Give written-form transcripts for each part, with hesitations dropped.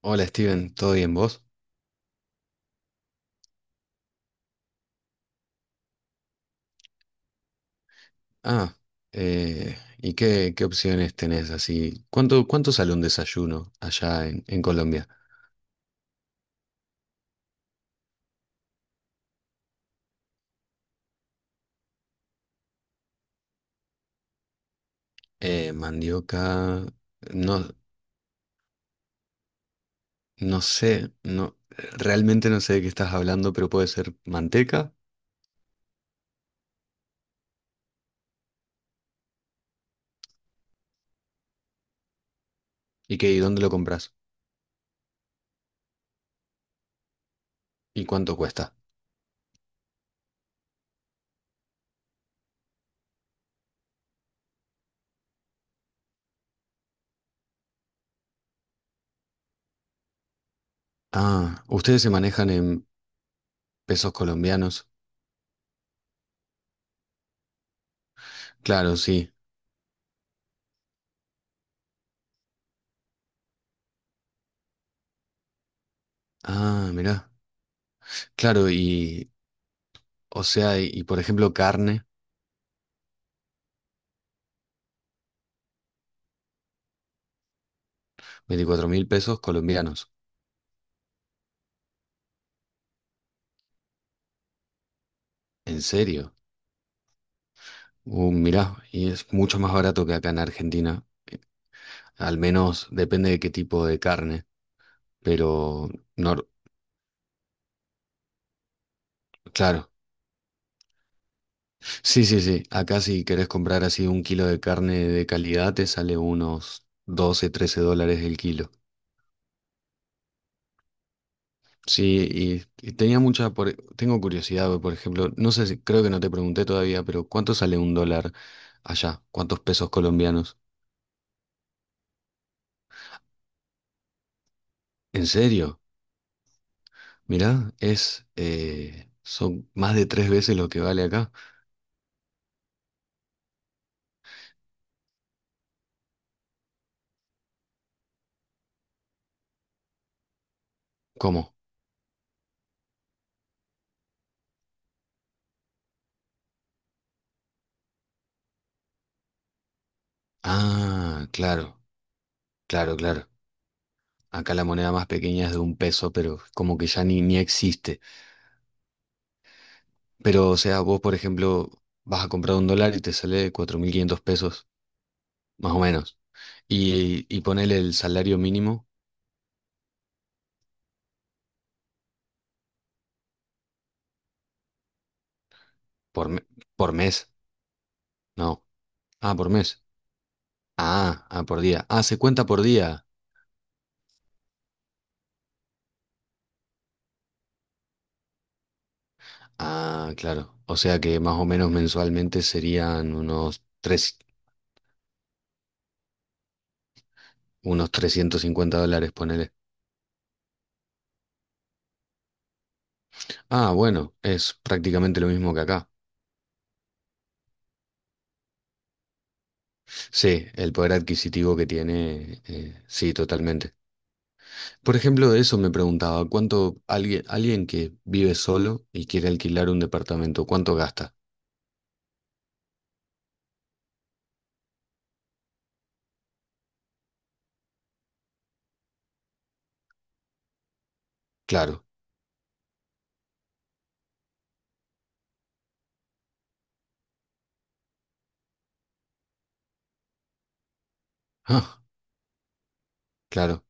Hola Steven, ¿todo bien vos? Ah, ¿y qué opciones tenés así? ¿Cuánto sale un desayuno allá en Colombia? Mandioca, no, no sé, no, realmente no sé de qué estás hablando, pero puede ser manteca. ¿Y qué, y dónde lo compras? ¿Y cuánto cuesta? Ah, ustedes se manejan en pesos colombianos. Claro, sí. Ah, mirá. Claro, y, o sea, y por ejemplo carne, 24.000 pesos colombianos. ¿En serio? Mirá, y es mucho más barato que acá en Argentina. Al menos depende de qué tipo de carne. Pero, no, claro. Sí, sí, sí. Acá si querés comprar así un kilo de carne de calidad te sale unos 12, 13 dólares el kilo. Sí, y tengo curiosidad, por ejemplo, no sé si, creo que no te pregunté todavía, pero ¿cuánto sale un dólar allá? ¿Cuántos pesos colombianos? ¿En serio? Mirá, son más de tres veces lo que vale acá. ¿Cómo? Ah, claro, claro, claro. Acá la moneda más pequeña es de un peso, pero como que ya ni existe. Pero, o sea, vos, por ejemplo, vas a comprar un dólar y te sale $4.500, más o menos. Y ponele el salario mínimo por, me- por mes. No. Ah, por mes. Ah, ah, por día. Ah, se cuenta por día. Ah, claro. O sea que más o menos mensualmente serían unos 350 dólares, ponele. Ah, bueno, es prácticamente lo mismo que acá. Sí, el poder adquisitivo que tiene, sí, totalmente. Por ejemplo, de eso me preguntaba, ¿cuánto alguien que vive solo y quiere alquilar un departamento, cuánto gasta? Claro, ah, claro,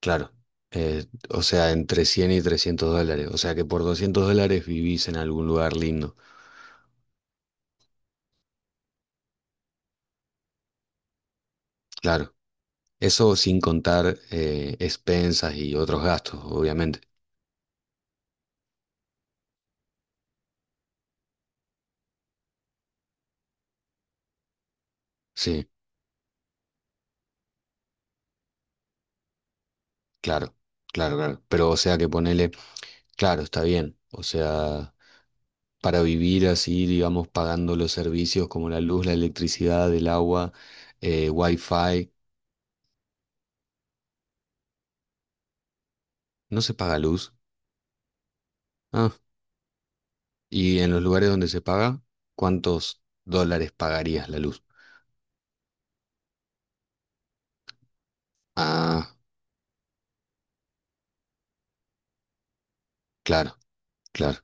claro. O sea, entre 100 y 300 dólares. O sea que por 200 dólares vivís en algún lugar lindo. Claro, eso sin contar expensas y otros gastos, obviamente. Sí, claro, claro, claro. Pero o sea que ponele, claro, está bien. O sea, para vivir así, digamos, pagando los servicios como la luz, la electricidad, el agua, wifi. No se paga luz. Ah, y en los lugares donde se paga, ¿cuántos dólares pagarías la luz? Ah, claro, claro.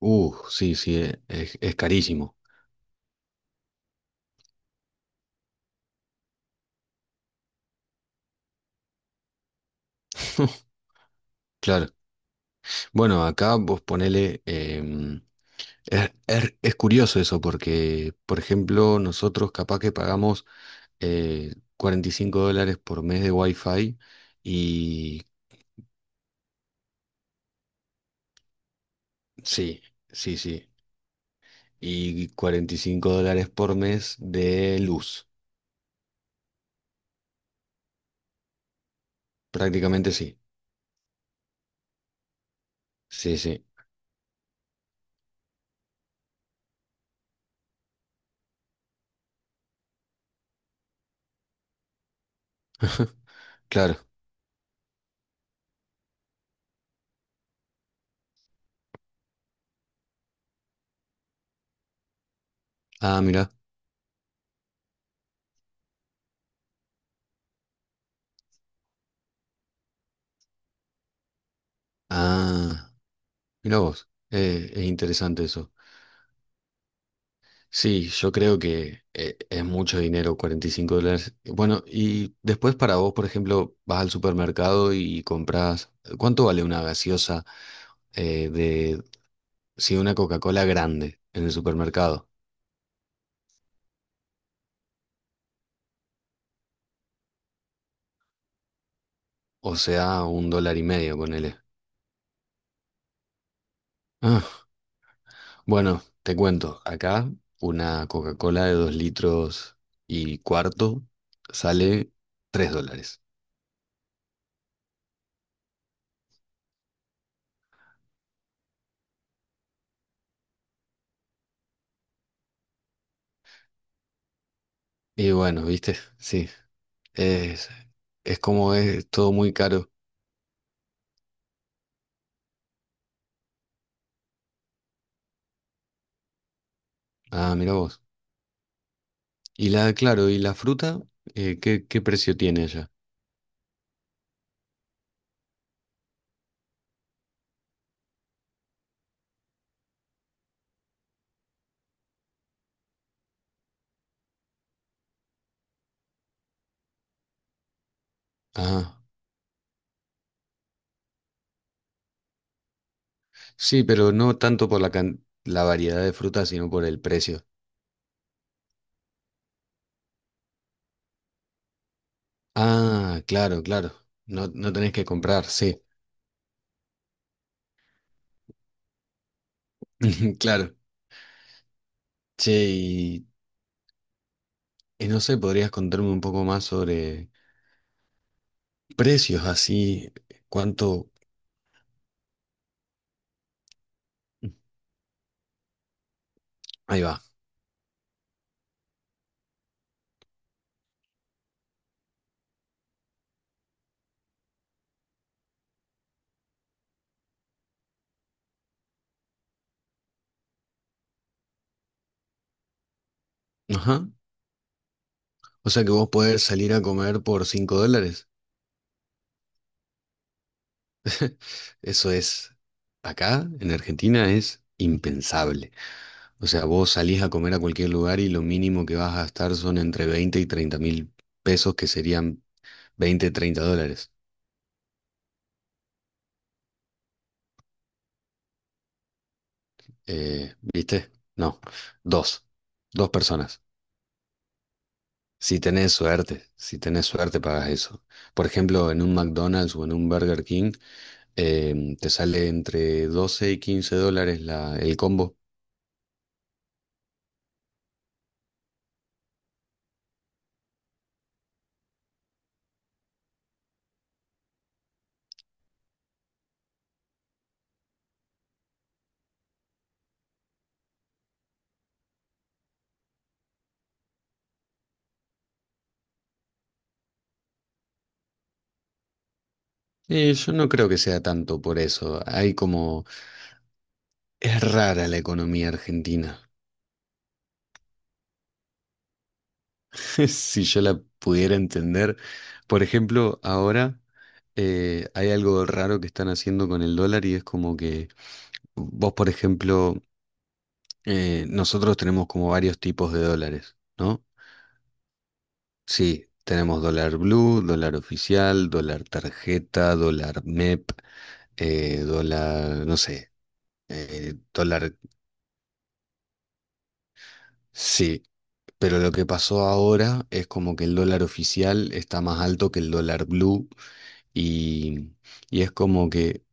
Sí, sí, es carísimo. Claro. Bueno, acá vos ponele, es curioso eso porque, por ejemplo, nosotros capaz que pagamos $45 por mes de wifi y, sí, sí, sí. Y 45 dólares por mes de luz. Prácticamente sí. Sí, sí. Claro. Ah, mira. Ah, mira vos. Es interesante eso. Sí, yo creo que es mucho dinero, 45 dólares. Bueno, y después para vos, por ejemplo, vas al supermercado y compras. ¿Cuánto vale una gaseosa, eh, de, sí, una Coca-Cola grande en el supermercado? O sea, un dólar y medio, ponele. Ah. Bueno, te cuento, acá una Coca-Cola de 2 litros y cuarto sale 3 dólares. Y bueno, viste, sí, es, es como es todo muy caro. Ah, mira vos. Y claro, ¿y la fruta? ¿Qué precio tiene allá? Ah, sí, pero no tanto por la variedad de fruta, sino por el precio. Ah, claro, claro. No, no tenés que comprar, sí. Claro. Che, y no sé, ¿podrías contarme un poco más sobre precios así, ¿cuánto? Ahí va. Ajá. O sea que vos podés salir a comer por 5 dólares. Eso es, acá en Argentina es impensable. O sea, vos salís a comer a cualquier lugar y lo mínimo que vas a gastar son entre 20 y 30 mil pesos, que serían 20, 30 dólares. ¿Viste? No, dos. Dos personas. Si tenés suerte, si tenés suerte pagas eso. Por ejemplo, en un McDonald's o en un Burger King, te sale entre 12 y $15 el combo. Y yo no creo que sea tanto por eso. Hay como, es rara la economía argentina. Si yo la pudiera entender. Por ejemplo, ahora hay algo raro que están haciendo con el dólar y es como que vos, por ejemplo, nosotros tenemos como varios tipos de dólares, ¿no? Sí, tenemos dólar blue, dólar oficial, dólar tarjeta, dólar MEP. No sé, eh, dólar, sí. Pero lo que pasó ahora es como que el dólar oficial está más alto que el dólar blue y, y es como que,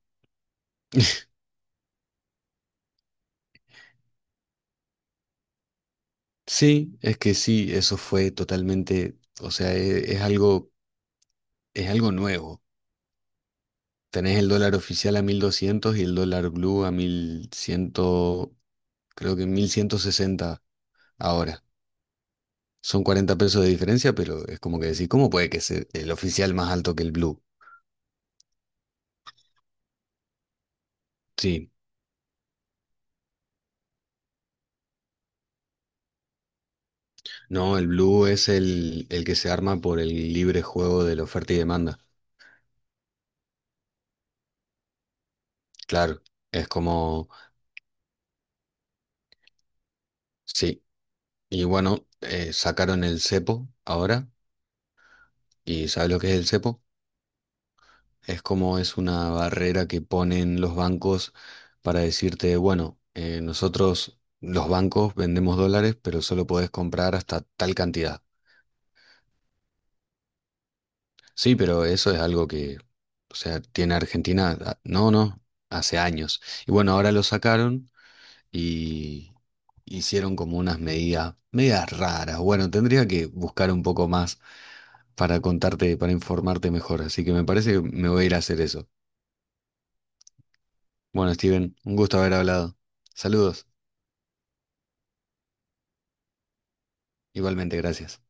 sí, es que sí, eso fue totalmente, o sea, es algo nuevo. Tenés el dólar oficial a 1.200 y el dólar blue a 1100, creo que 1.160 ahora. Son 40 pesos de diferencia, pero es como que decir, ¿cómo puede que sea el oficial más alto que el blue? Sí, no, el blue es el que se arma por el libre juego de la oferta y demanda. Claro, es como, sí, y bueno, sacaron el cepo ahora, y ¿sabes lo que es el cepo? Es como es una barrera que ponen los bancos para decirte, bueno, nosotros los bancos vendemos dólares, pero solo podés comprar hasta tal cantidad. Sí, pero eso es algo que, o sea, tiene Argentina, ah, no, no, hace años. Y bueno, ahora lo sacaron. Y hicieron como unas medidas, raras. Bueno, tendría que buscar un poco más para contarte, para informarte mejor, así que me parece que me voy a ir a hacer eso. Bueno, Steven, un gusto haber hablado. Saludos, igualmente, gracias.